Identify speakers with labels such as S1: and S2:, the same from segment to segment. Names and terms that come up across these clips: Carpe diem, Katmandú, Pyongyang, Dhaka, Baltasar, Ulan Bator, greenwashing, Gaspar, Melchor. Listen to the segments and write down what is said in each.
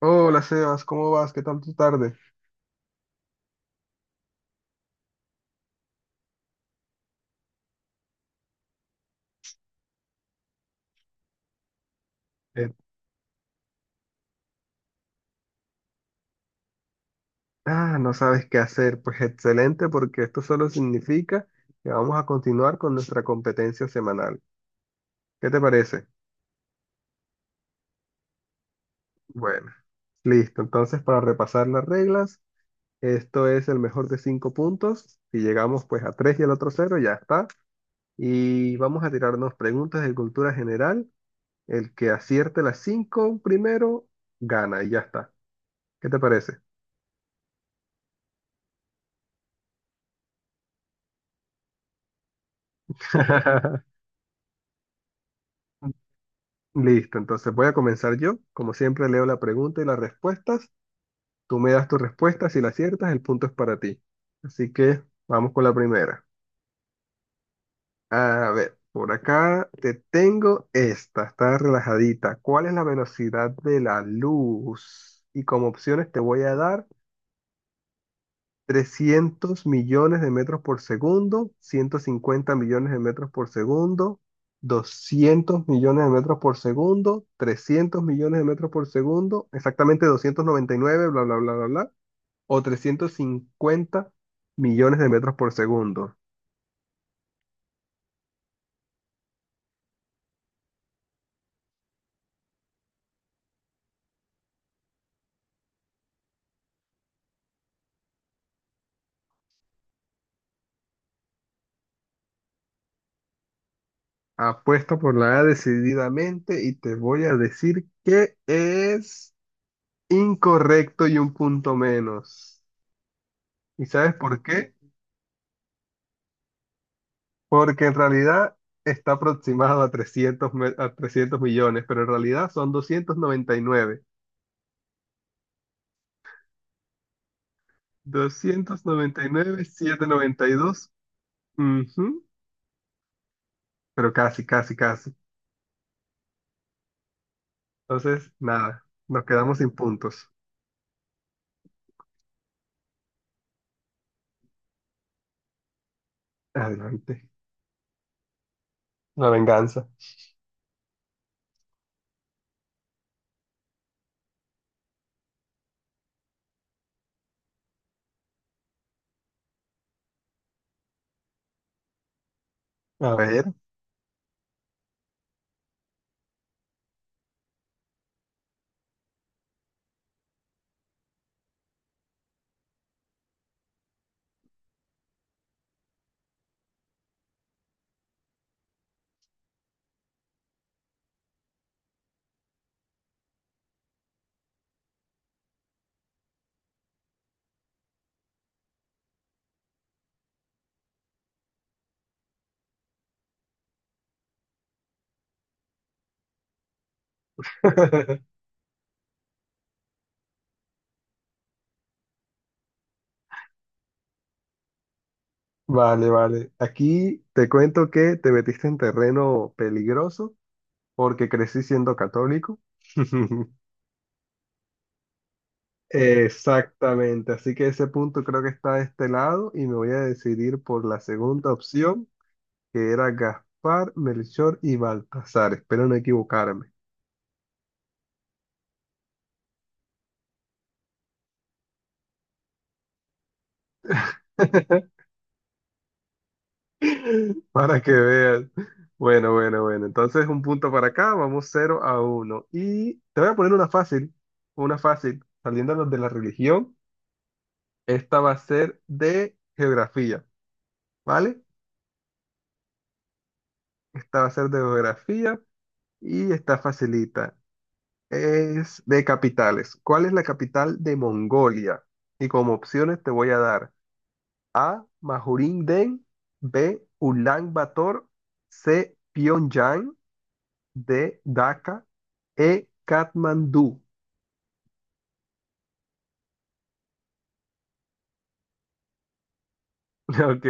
S1: Hola Sebas, ¿cómo vas? ¿Qué tal tu tarde? Eh, ¿No sabes qué hacer? Pues excelente, porque esto solo significa que vamos a continuar con nuestra competencia semanal. ¿Qué te parece? Bueno, listo. Entonces, para repasar las reglas, esto es el mejor de cinco puntos. Si llegamos pues a tres y el otro cero, ya está. Y vamos a tirarnos preguntas de cultura general. El que acierte las cinco primero, gana y ya está. ¿Qué te parece? Listo, entonces voy a comenzar yo. Como siempre, leo la pregunta y las respuestas. Tú me das tus respuestas, si la aciertas, el punto es para ti. Así que vamos con la primera. A ver, por acá te tengo esta, está relajadita. ¿Cuál es la velocidad de la luz? Y como opciones te voy a dar 300 millones de metros por segundo, 150 millones de metros por segundo, 200 millones de metros por segundo, 300 millones de metros por segundo, exactamente 299, bla, bla, bla, bla, bla, o 350 millones de metros por segundo. Apuesto por la A decididamente y te voy a decir que es incorrecto y un punto menos. ¿Y sabes por qué? Porque en realidad está aproximado a a 300 millones, pero en realidad son doscientos noventa y nueve. Doscientos noventa y nueve, 299. 299, 792. Ujú. Pero casi, casi, casi. Entonces, nada, nos quedamos sin puntos. Adelante. La venganza. A ver. Vale, vale. Aquí te cuento que te metiste en terreno peligroso porque crecí siendo católico. Exactamente, así que ese punto creo que está de este lado y me voy a decidir por la segunda opción, que era Gaspar, Melchor y Baltasar. Espero no equivocarme. Para que veas. Bueno, bueno, bueno. Entonces un punto para acá, vamos cero a uno. Y te voy a poner una fácil, saliéndonos de la religión. Esta va a ser de geografía, ¿vale? Esta va a ser de geografía y está facilita. Es de capitales. ¿Cuál es la capital de Mongolia? Y como opciones te voy a dar majurin, B. Ulan Bator, C. Pyongyang, D. Dhaka, E. Katmandú. Ok,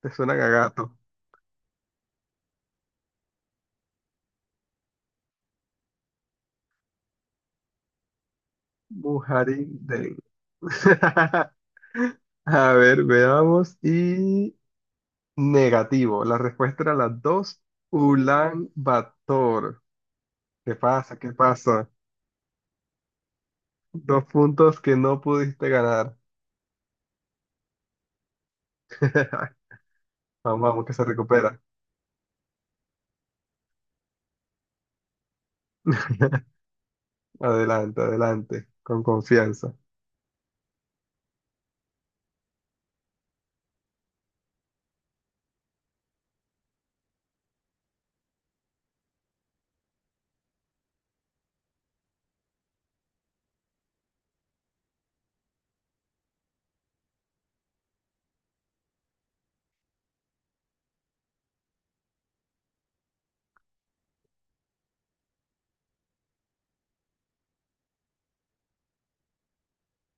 S1: te suenan a gato. Majurin. A ver, veamos. Y negativo. La respuesta era las dos. Ulan Bator. ¿Qué pasa? ¿Qué pasa? Dos puntos que no pudiste ganar. Vamos, vamos, que se recupera. Adelante, adelante, con confianza.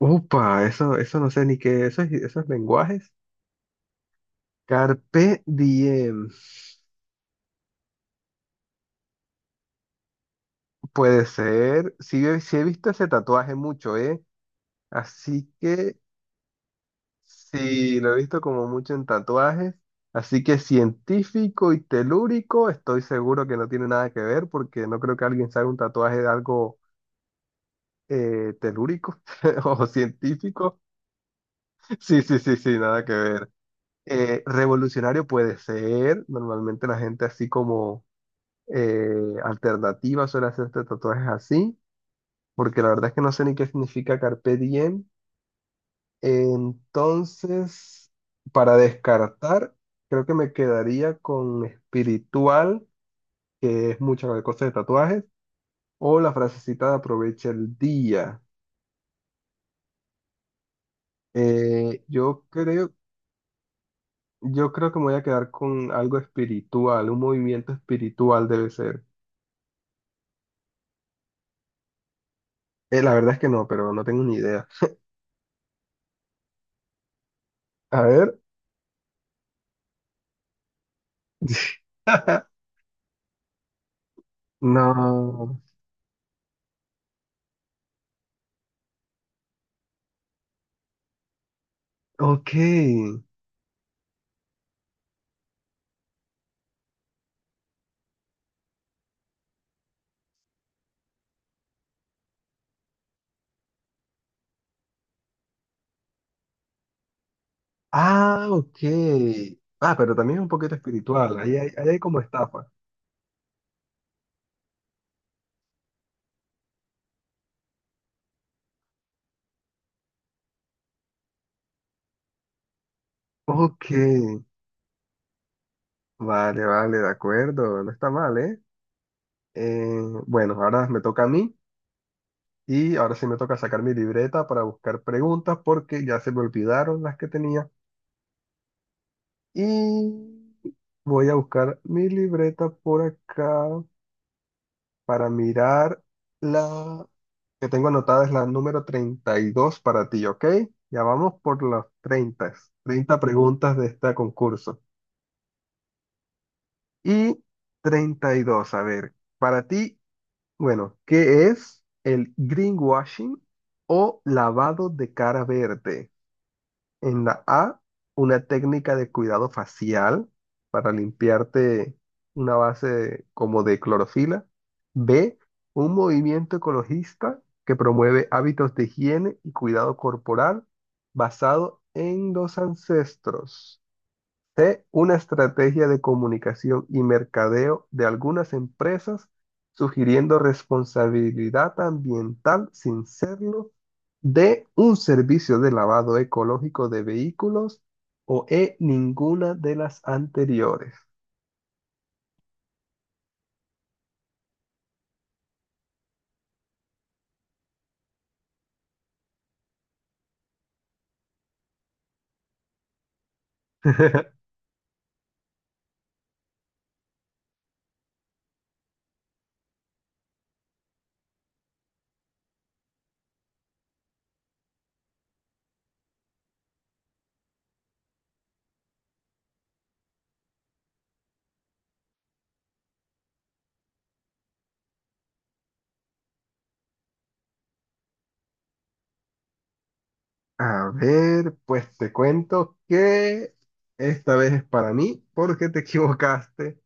S1: Upa, eso no sé ni qué, esos, esos lenguajes. Carpe diem. Puede ser. Sí, sí he visto ese tatuaje mucho, ¿eh? Así que sí, lo he visto como mucho en tatuajes. Así que científico y telúrico, estoy seguro que no tiene nada que ver porque no creo que alguien se haga un tatuaje de algo telúrico o científico. Sí, sí, sí, sí, nada que ver. Revolucionario puede ser, normalmente la gente así como eh, alternativa suele hacerse tatuajes así, porque la verdad es que no sé ni qué significa carpe diem. Entonces, para descartar, creo que me quedaría con espiritual, que es mucha la cosa de tatuajes, o la frasecita de aprovecha el día. Eh, yo creo, Yo creo que me voy a quedar con algo espiritual, un movimiento espiritual debe ser. La verdad es que no, pero no tengo ni idea. A ver. No. Ok. Ah, ok. Ah, pero también es un poquito espiritual. Ahí hay como estafa. Ok. Vale, vale, de acuerdo. No está mal, ¿eh? Eh, bueno, ahora me toca a mí. Y ahora sí me toca sacar mi libreta para buscar preguntas porque ya se me olvidaron las que tenía. Y voy a buscar mi libreta por acá para mirar la que tengo anotada, es la número 32 para ti, ¿ok? Ya vamos por las 30, 30 preguntas de este concurso. Y treinta y dos, a ver, para ti, bueno, ¿qué es el greenwashing o lavado de cara verde? En la A, una técnica de cuidado facial para limpiarte, una base como de clorofila. B, un movimiento ecologista que promueve hábitos de higiene y cuidado corporal basado en los ancestros. C, una estrategia de comunicación y mercadeo de algunas empresas sugiriendo responsabilidad ambiental sin serlo. D, un servicio de lavado ecológico de vehículos. O E, ninguna de las anteriores. A ver, pues te cuento que esta vez es para mí porque te equivocaste.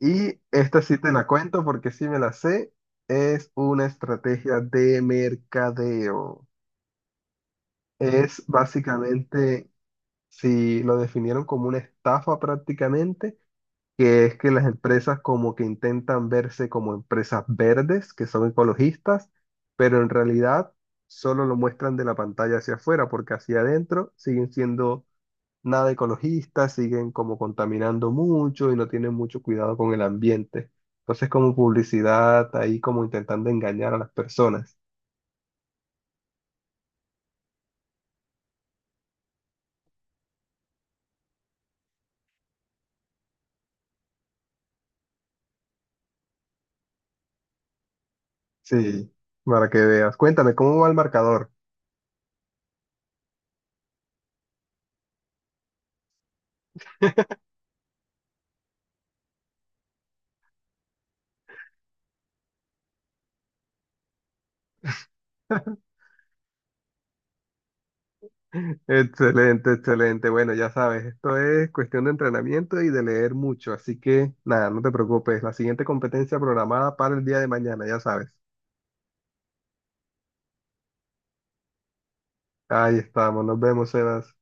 S1: Y esta sí te la cuento porque sí me la sé. Es una estrategia de mercadeo. Es básicamente, si lo definieron como una estafa prácticamente, que es que las empresas como que intentan verse como empresas verdes, que son ecologistas, pero en realidad solo lo muestran de la pantalla hacia afuera, porque hacia adentro siguen siendo nada ecologistas, siguen como contaminando mucho y no tienen mucho cuidado con el ambiente. Entonces, como publicidad, ahí como intentando engañar a las personas. Sí, para que veas. Cuéntame, ¿cómo va el marcador? Excelente, excelente. Bueno, ya sabes, esto es cuestión de entrenamiento y de leer mucho, así que nada, no te preocupes. La siguiente competencia programada para el día de mañana, ya sabes. Ahí estamos, nos vemos, Sebas.